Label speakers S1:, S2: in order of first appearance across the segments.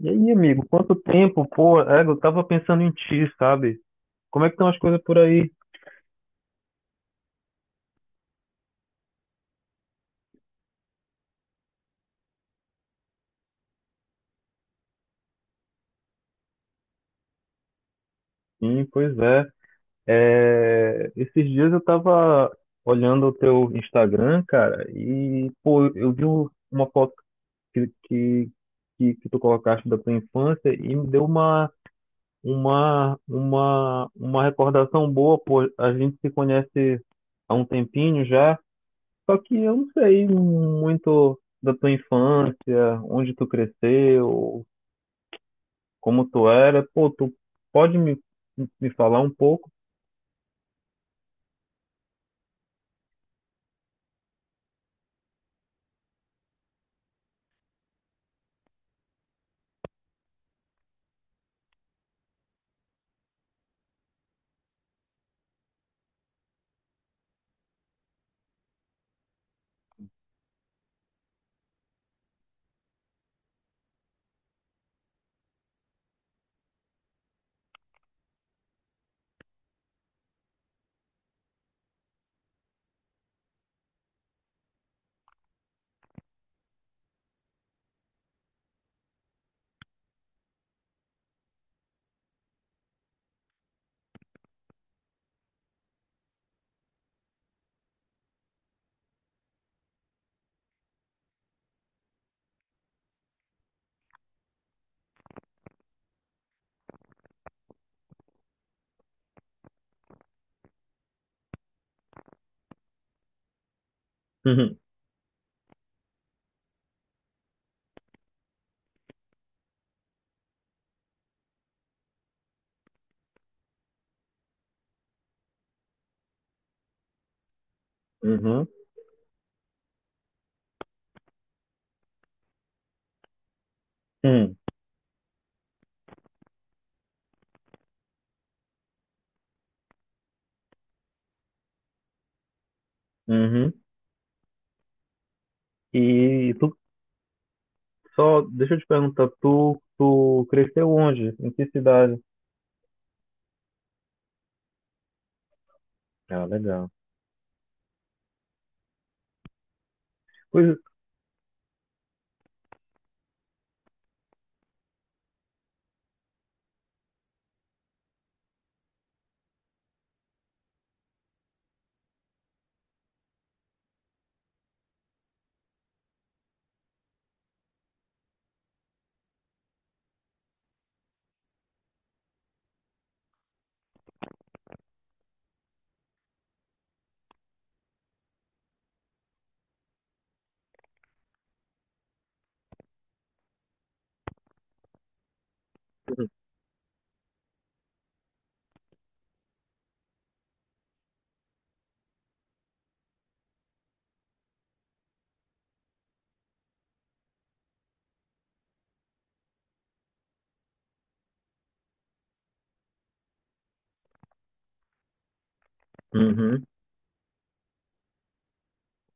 S1: E aí, amigo, quanto tempo? Pô, é, eu tava pensando em ti, sabe? Como é que estão as coisas por aí? Sim, pois é. É, esses dias eu tava olhando o teu Instagram, cara, e, pô, eu vi uma foto que, que, que tu colocaste da tua infância e me deu uma recordação boa, pô. A gente se conhece há um tempinho já. Só que eu não sei muito da tua infância, onde tu cresceu, como tu era. Pô, tu pode me falar um pouco? Uhum, uhum, uhum, uhum. E deixa eu te perguntar, tu cresceu onde? Em que cidade? Ah, legal. Pois, uhum.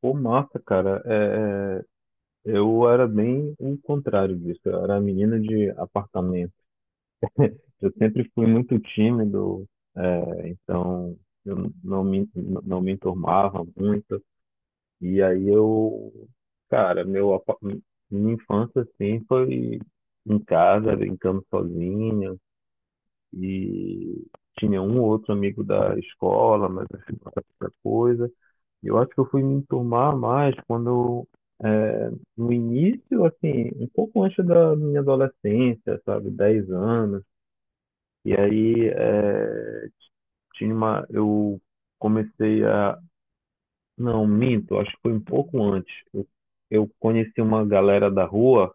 S1: Pô, massa, cara. Eu era bem o contrário disso. Eu era menino de apartamento. Eu sempre fui muito tímido, é, então eu não me enturmava muito. E aí eu, cara, minha infância assim foi em casa, brincando sozinho. E tinha um ou outro amigo da escola, mas assim, não era muita coisa. E eu acho que eu fui me enturmar mais quando, é, no início, assim, um pouco antes da minha adolescência, sabe, 10 anos. E aí, é, tinha eu comecei a. Não, minto, acho que foi um pouco antes. Eu conheci uma galera da rua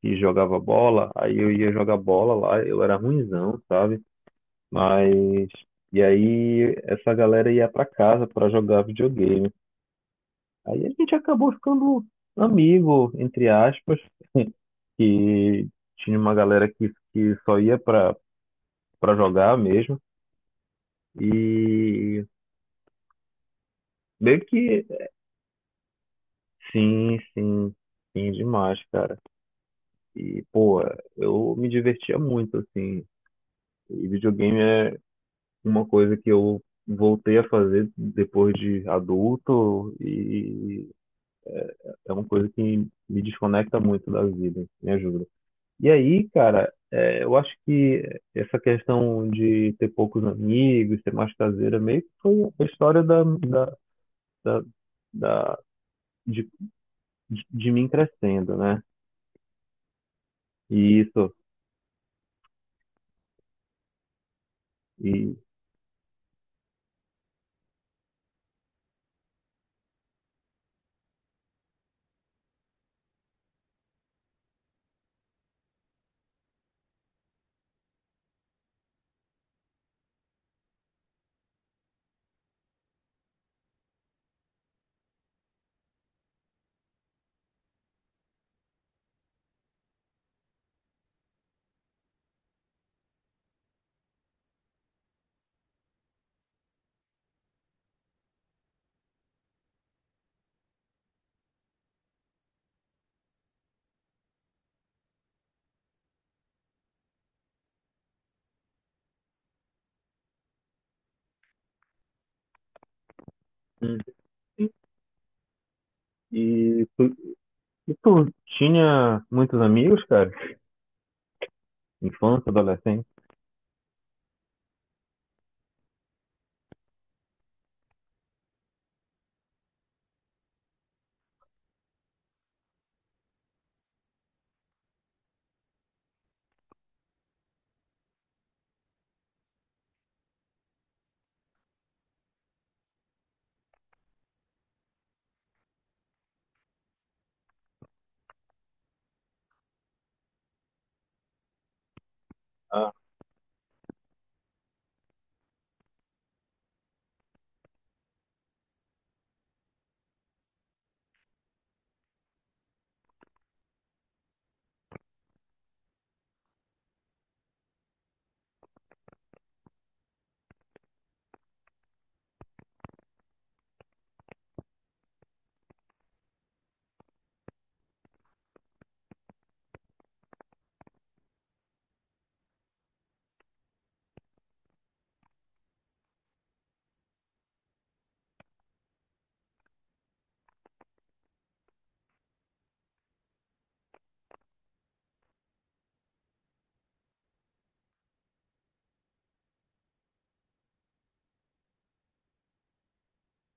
S1: que jogava bola, aí eu ia jogar bola lá, eu era ruinzão, sabe? Mas. E aí essa galera ia pra casa pra jogar videogame. Aí a gente acabou ficando amigo, entre aspas, que tinha uma galera que só ia pra jogar mesmo. E meio que sim, sim, sim, demais, cara. E, pô, eu me divertia muito, assim. E videogame é uma coisa que eu voltei a fazer depois de adulto e é uma coisa que me desconecta muito da vida, me ajuda. E aí, cara, é, eu acho que essa questão de ter poucos amigos, ser mais caseira, meio que foi a história da, da- de, de mim crescendo, né? E isso. E, E tu, e tu tinha muitos amigos, cara? Infância, adolescência? Ah,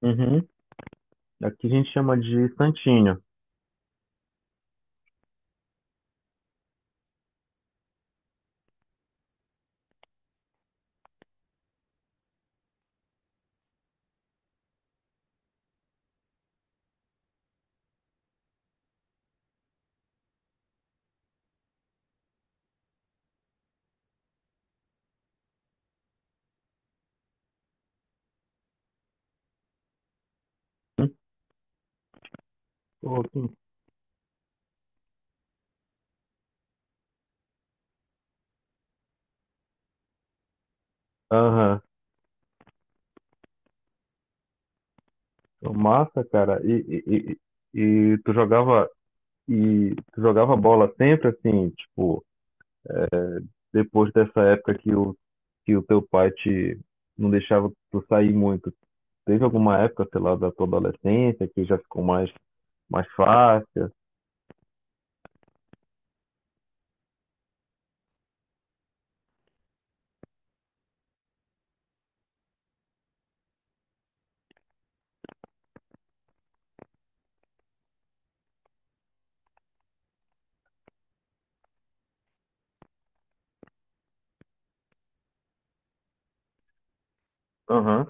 S1: uhum. Aqui a gente chama de Santinho. Hum? Pô, sim. Aham. Pô, massa, cara. E, e, e tu jogava e tu jogava bola sempre assim, tipo, depois dessa época que que o teu pai te não deixava tu sair muito. Teve alguma época, sei lá, da tua adolescência que já ficou mais fácil? Aham.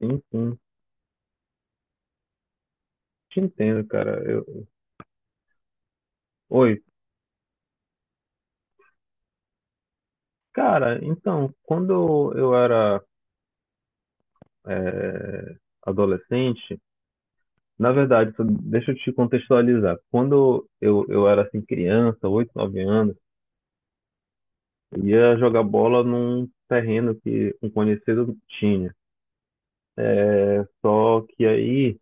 S1: Sim, sim. Te entendo, cara. Eu... Oi, cara, então, quando eu era eh, adolescente, na verdade, só deixa eu te contextualizar. Quando eu era assim, criança, 8, 9 anos, eu ia jogar bola num terreno que um conhecido tinha. Só que aí,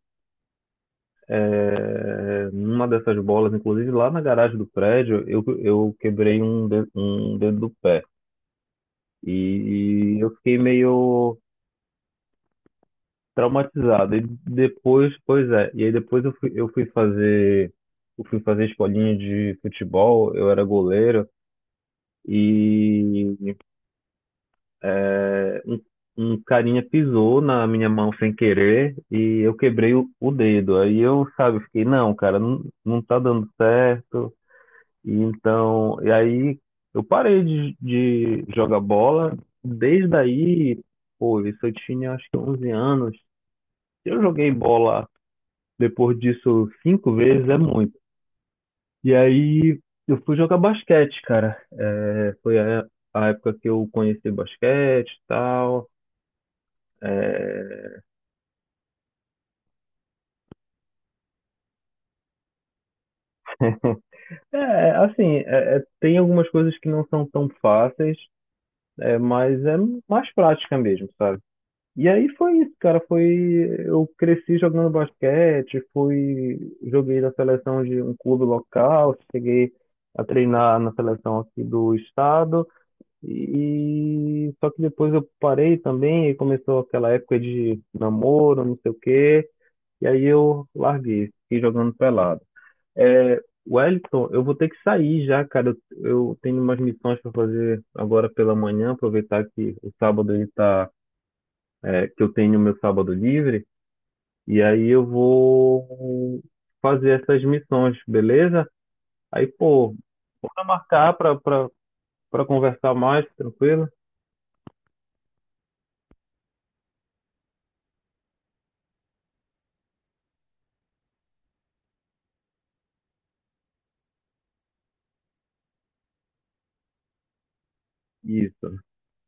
S1: numa dessas bolas, inclusive lá na garagem do prédio, eu quebrei um dedo do pé. E eu fiquei meio traumatizado. E depois, pois é, e aí depois eu fui fazer eu fui fazer escolinha de futebol, eu era goleiro, e é, um carinha pisou na minha mão sem querer e eu quebrei o dedo. Aí eu, sabe, fiquei, não, cara, não tá dando certo. E então, e aí eu parei de jogar bola. Desde aí, pô, isso eu tinha acho que 11 anos. Eu joguei bola depois disso, 5 vezes é muito. E aí eu fui jogar basquete, cara. É, foi a época que eu conheci basquete e tal. É, é, assim, tem algumas coisas que não são tão fáceis, é, mas é mais prática mesmo, sabe? E aí foi isso, cara. Foi, eu cresci jogando basquete, fui, joguei na seleção de um clube local, cheguei a treinar na seleção aqui do estado. E só que depois eu parei também e começou aquela época de namoro, não sei o quê, e aí eu larguei, fiquei jogando pelado. É, Wellington, eu vou ter que sair já, cara. Eu tenho umas missões para fazer agora pela manhã, aproveitar que o sábado ele tá, é, que eu tenho meu sábado livre, e aí eu vou fazer essas missões, beleza? Aí, pô, bora marcar para conversar mais, tranquilo? Isso.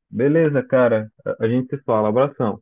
S1: Beleza, cara. A gente se fala. Abração.